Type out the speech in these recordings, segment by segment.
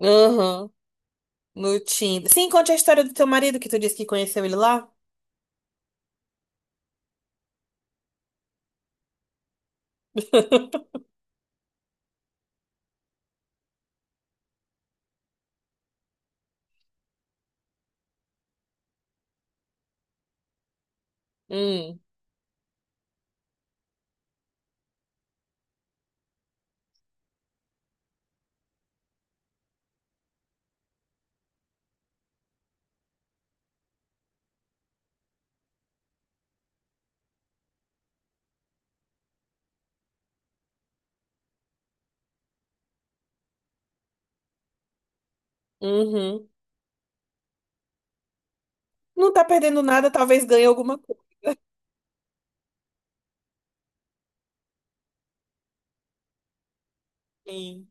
Aham, no Tinder. Sim, conte a história do teu marido que tu disse que conheceu ele lá. Hum, uhum. Não tá perdendo nada, talvez ganhe alguma coisa. Sim.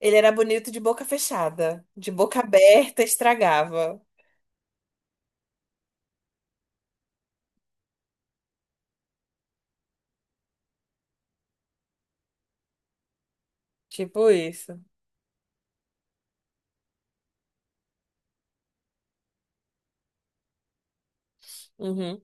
Ele era bonito de boca fechada. De boca aberta, estragava. Tipo isso. Uhum,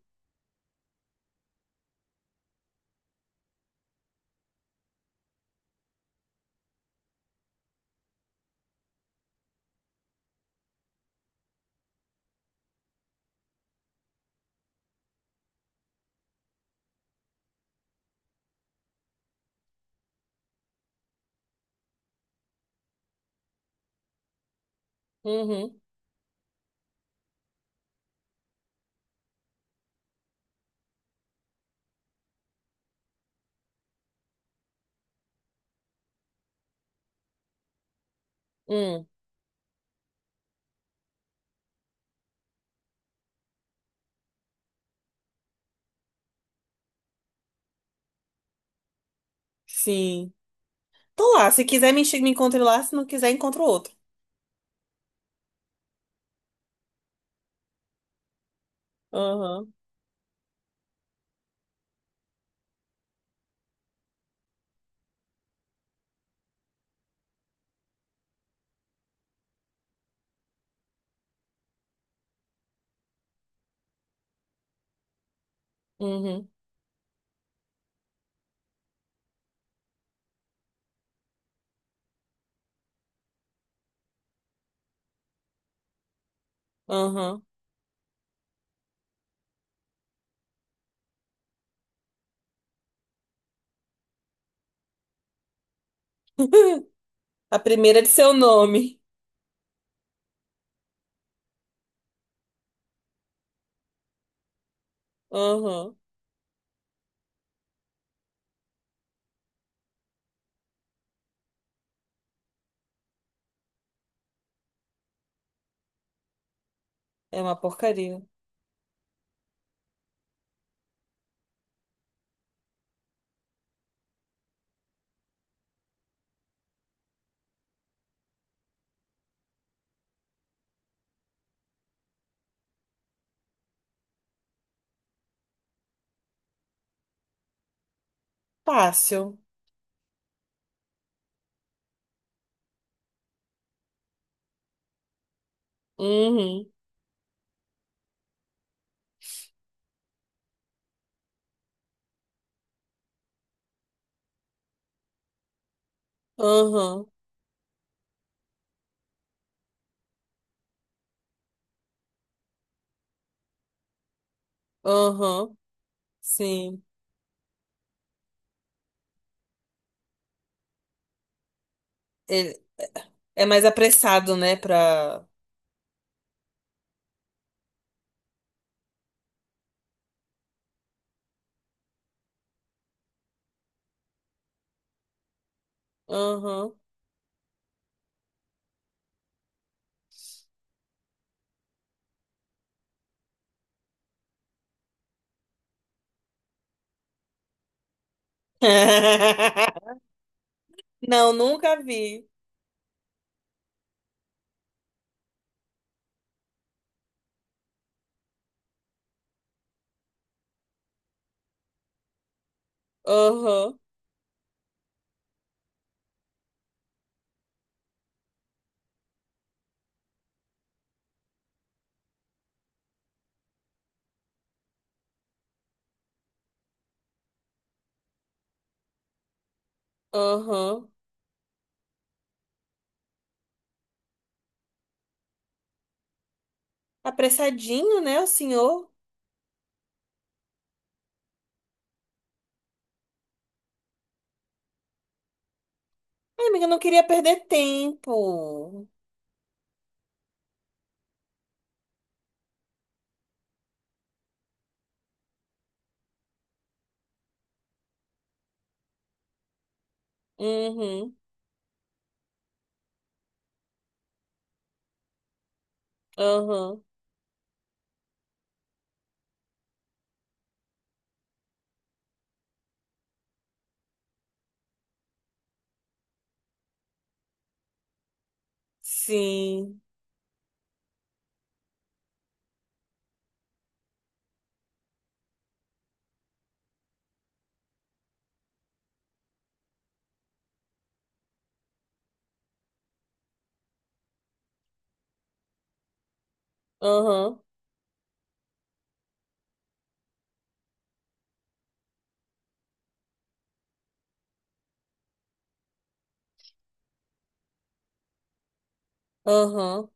uhum, hum. Sim. Tô lá. Se quiser, me encontre lá. Se não quiser, encontro outro. Aham, uhum, aham. A primeira de seu nome. Aham. É uma porcaria. Fácil. Uhum. Aham, aham, sim. Ele é mais apressado, né, pra... Aham. Não, nunca vi. Aham, aham. Apressadinho, né, o senhor? Ai, amiga, eu não queria perder tempo. Uhum, aham, sim. Aham, aham.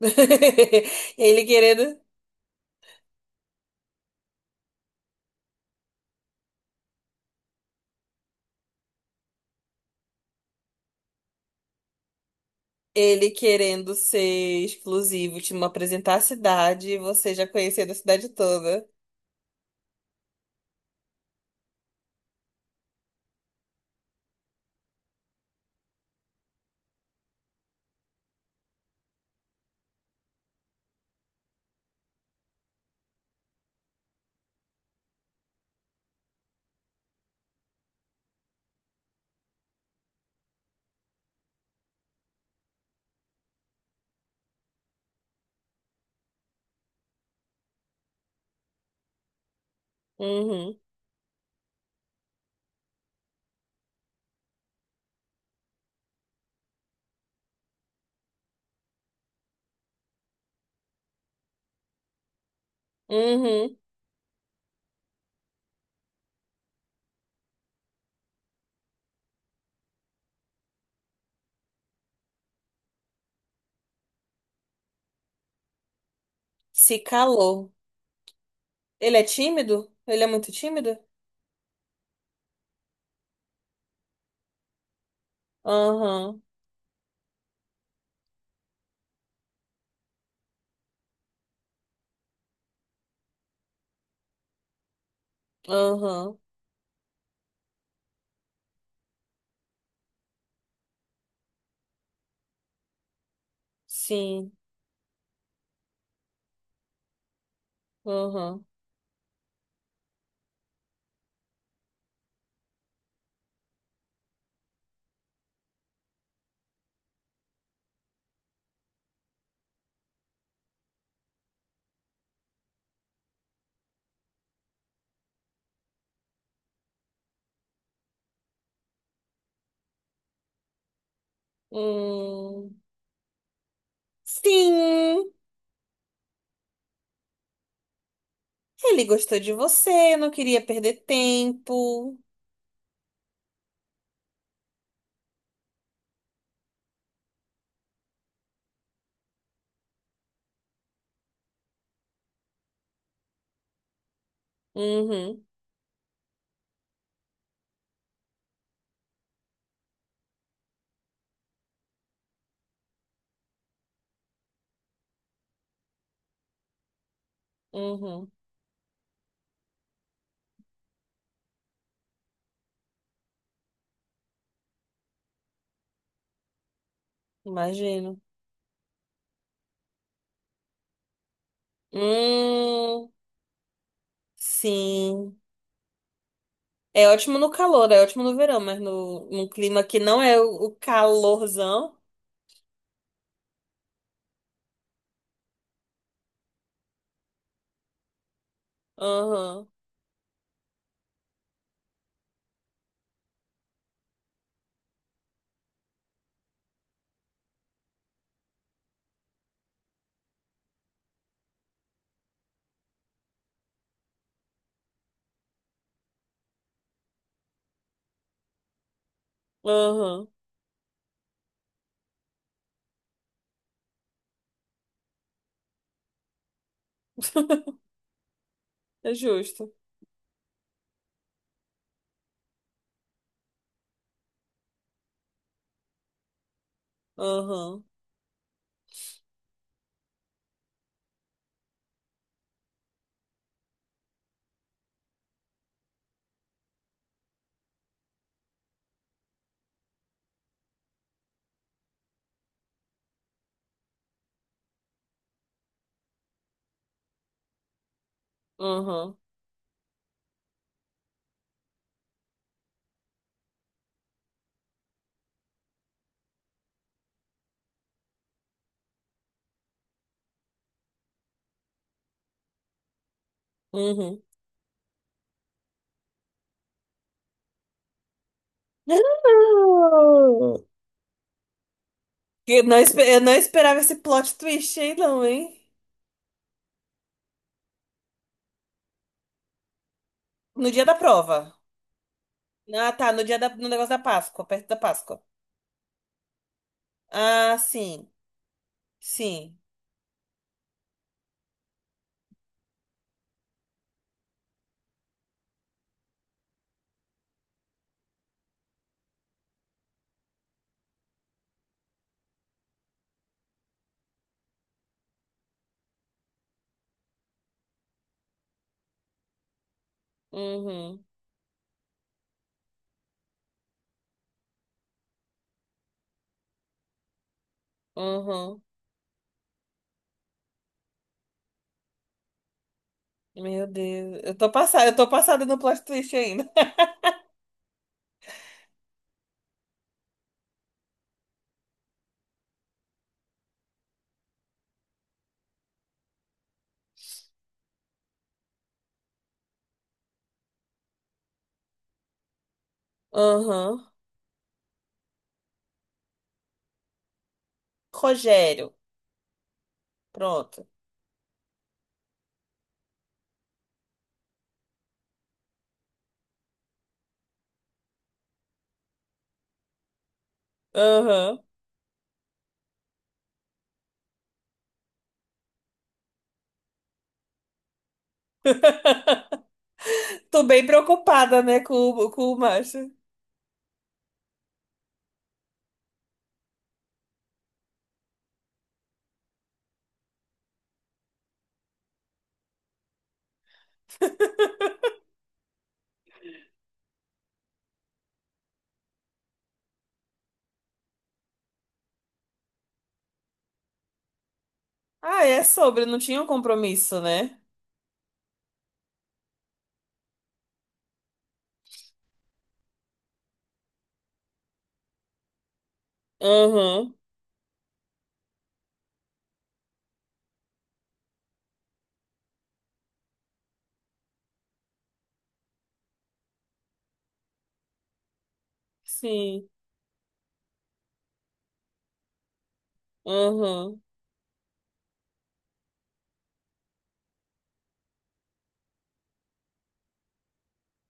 Ele querendo... Ele querendo ser exclusivo, te apresentar a cidade e você já conhecendo a cidade toda. Uhum. Uhum. Se calou. Ele é tímido? Ele é muito tímido? Aham, aham, sim, aham. Hum, sim, ele gostou de você, não queria perder tempo. Uhum, uhum, imagino. Hum, sim. É ótimo no calor, é ótimo no verão, mas num clima que não é o calorzão. Aham, aham, é justo. Aham, aham. Uhum. Não! Que não, espe- eu não esperava esse plot twist aí, não, hein? No dia da prova. Ah, tá, no dia da, no negócio da Páscoa, perto da Páscoa. Ah, sim, sim. Uhum, uhum. Meu Deus, eu tô passada no plot twist ainda. Uhum. Rogério, pronto. Uhum. Tô bem preocupada, né, com o Márcio. Ah, é sobre, não tinha um compromisso, né? Uhum, sim, uhum.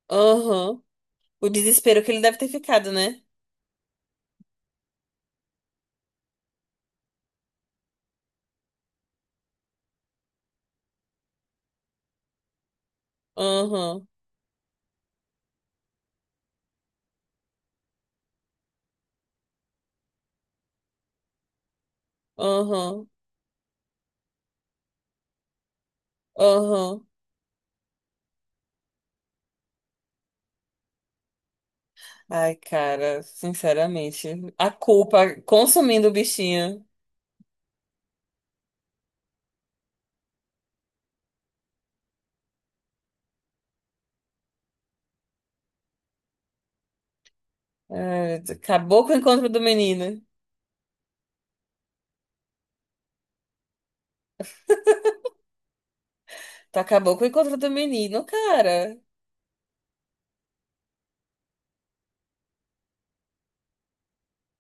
Aham. O desespero que ele deve ter ficado, né? Aham, aham, aham. Ai, cara, sinceramente, a culpa consumindo o bichinho. Ai, acabou com o encontro do menino. Tu acabou com o encontro do menino, cara.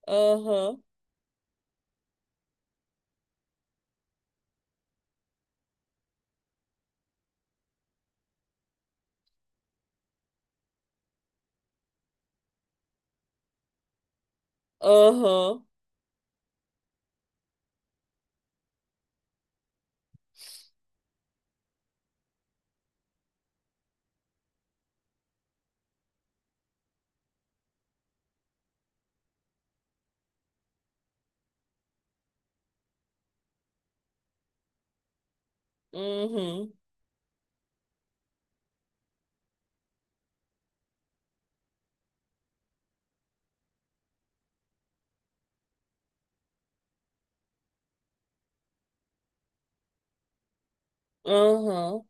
Aham, aham, uhum, aham,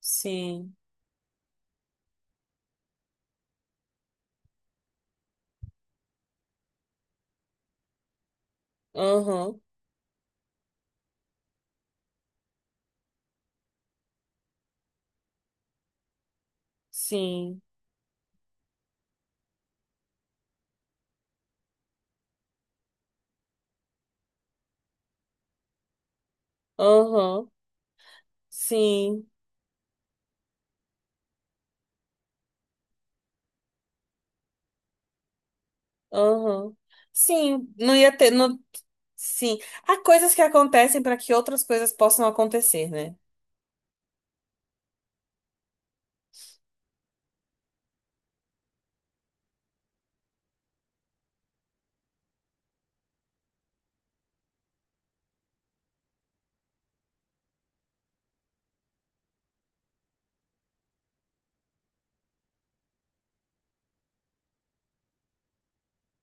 sim, aham, sim, aham, sim. Aham. Sim, não ia ter. Não... Sim. Há coisas que acontecem para que outras coisas possam acontecer, né?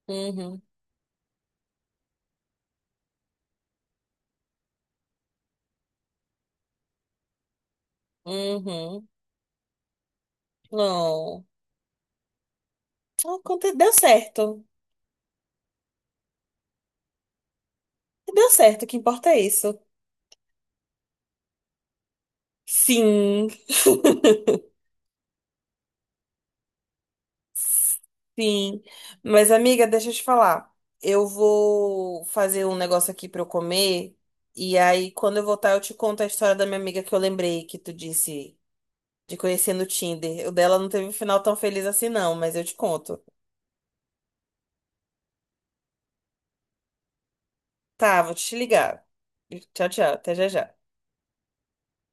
Uhum. Uhum. Não. Aconte... Deu certo. Deu certo, o que importa é isso. Sim. Sim. Mas, amiga, deixa eu te falar. Eu vou fazer um negócio aqui pra eu comer. E aí, quando eu voltar, eu te conto a história da minha amiga que eu lembrei que tu disse de conhecer no Tinder. O dela não teve um final tão feliz assim, não, mas eu te conto. Tá, vou te ligar. Tchau, tchau. Até já já.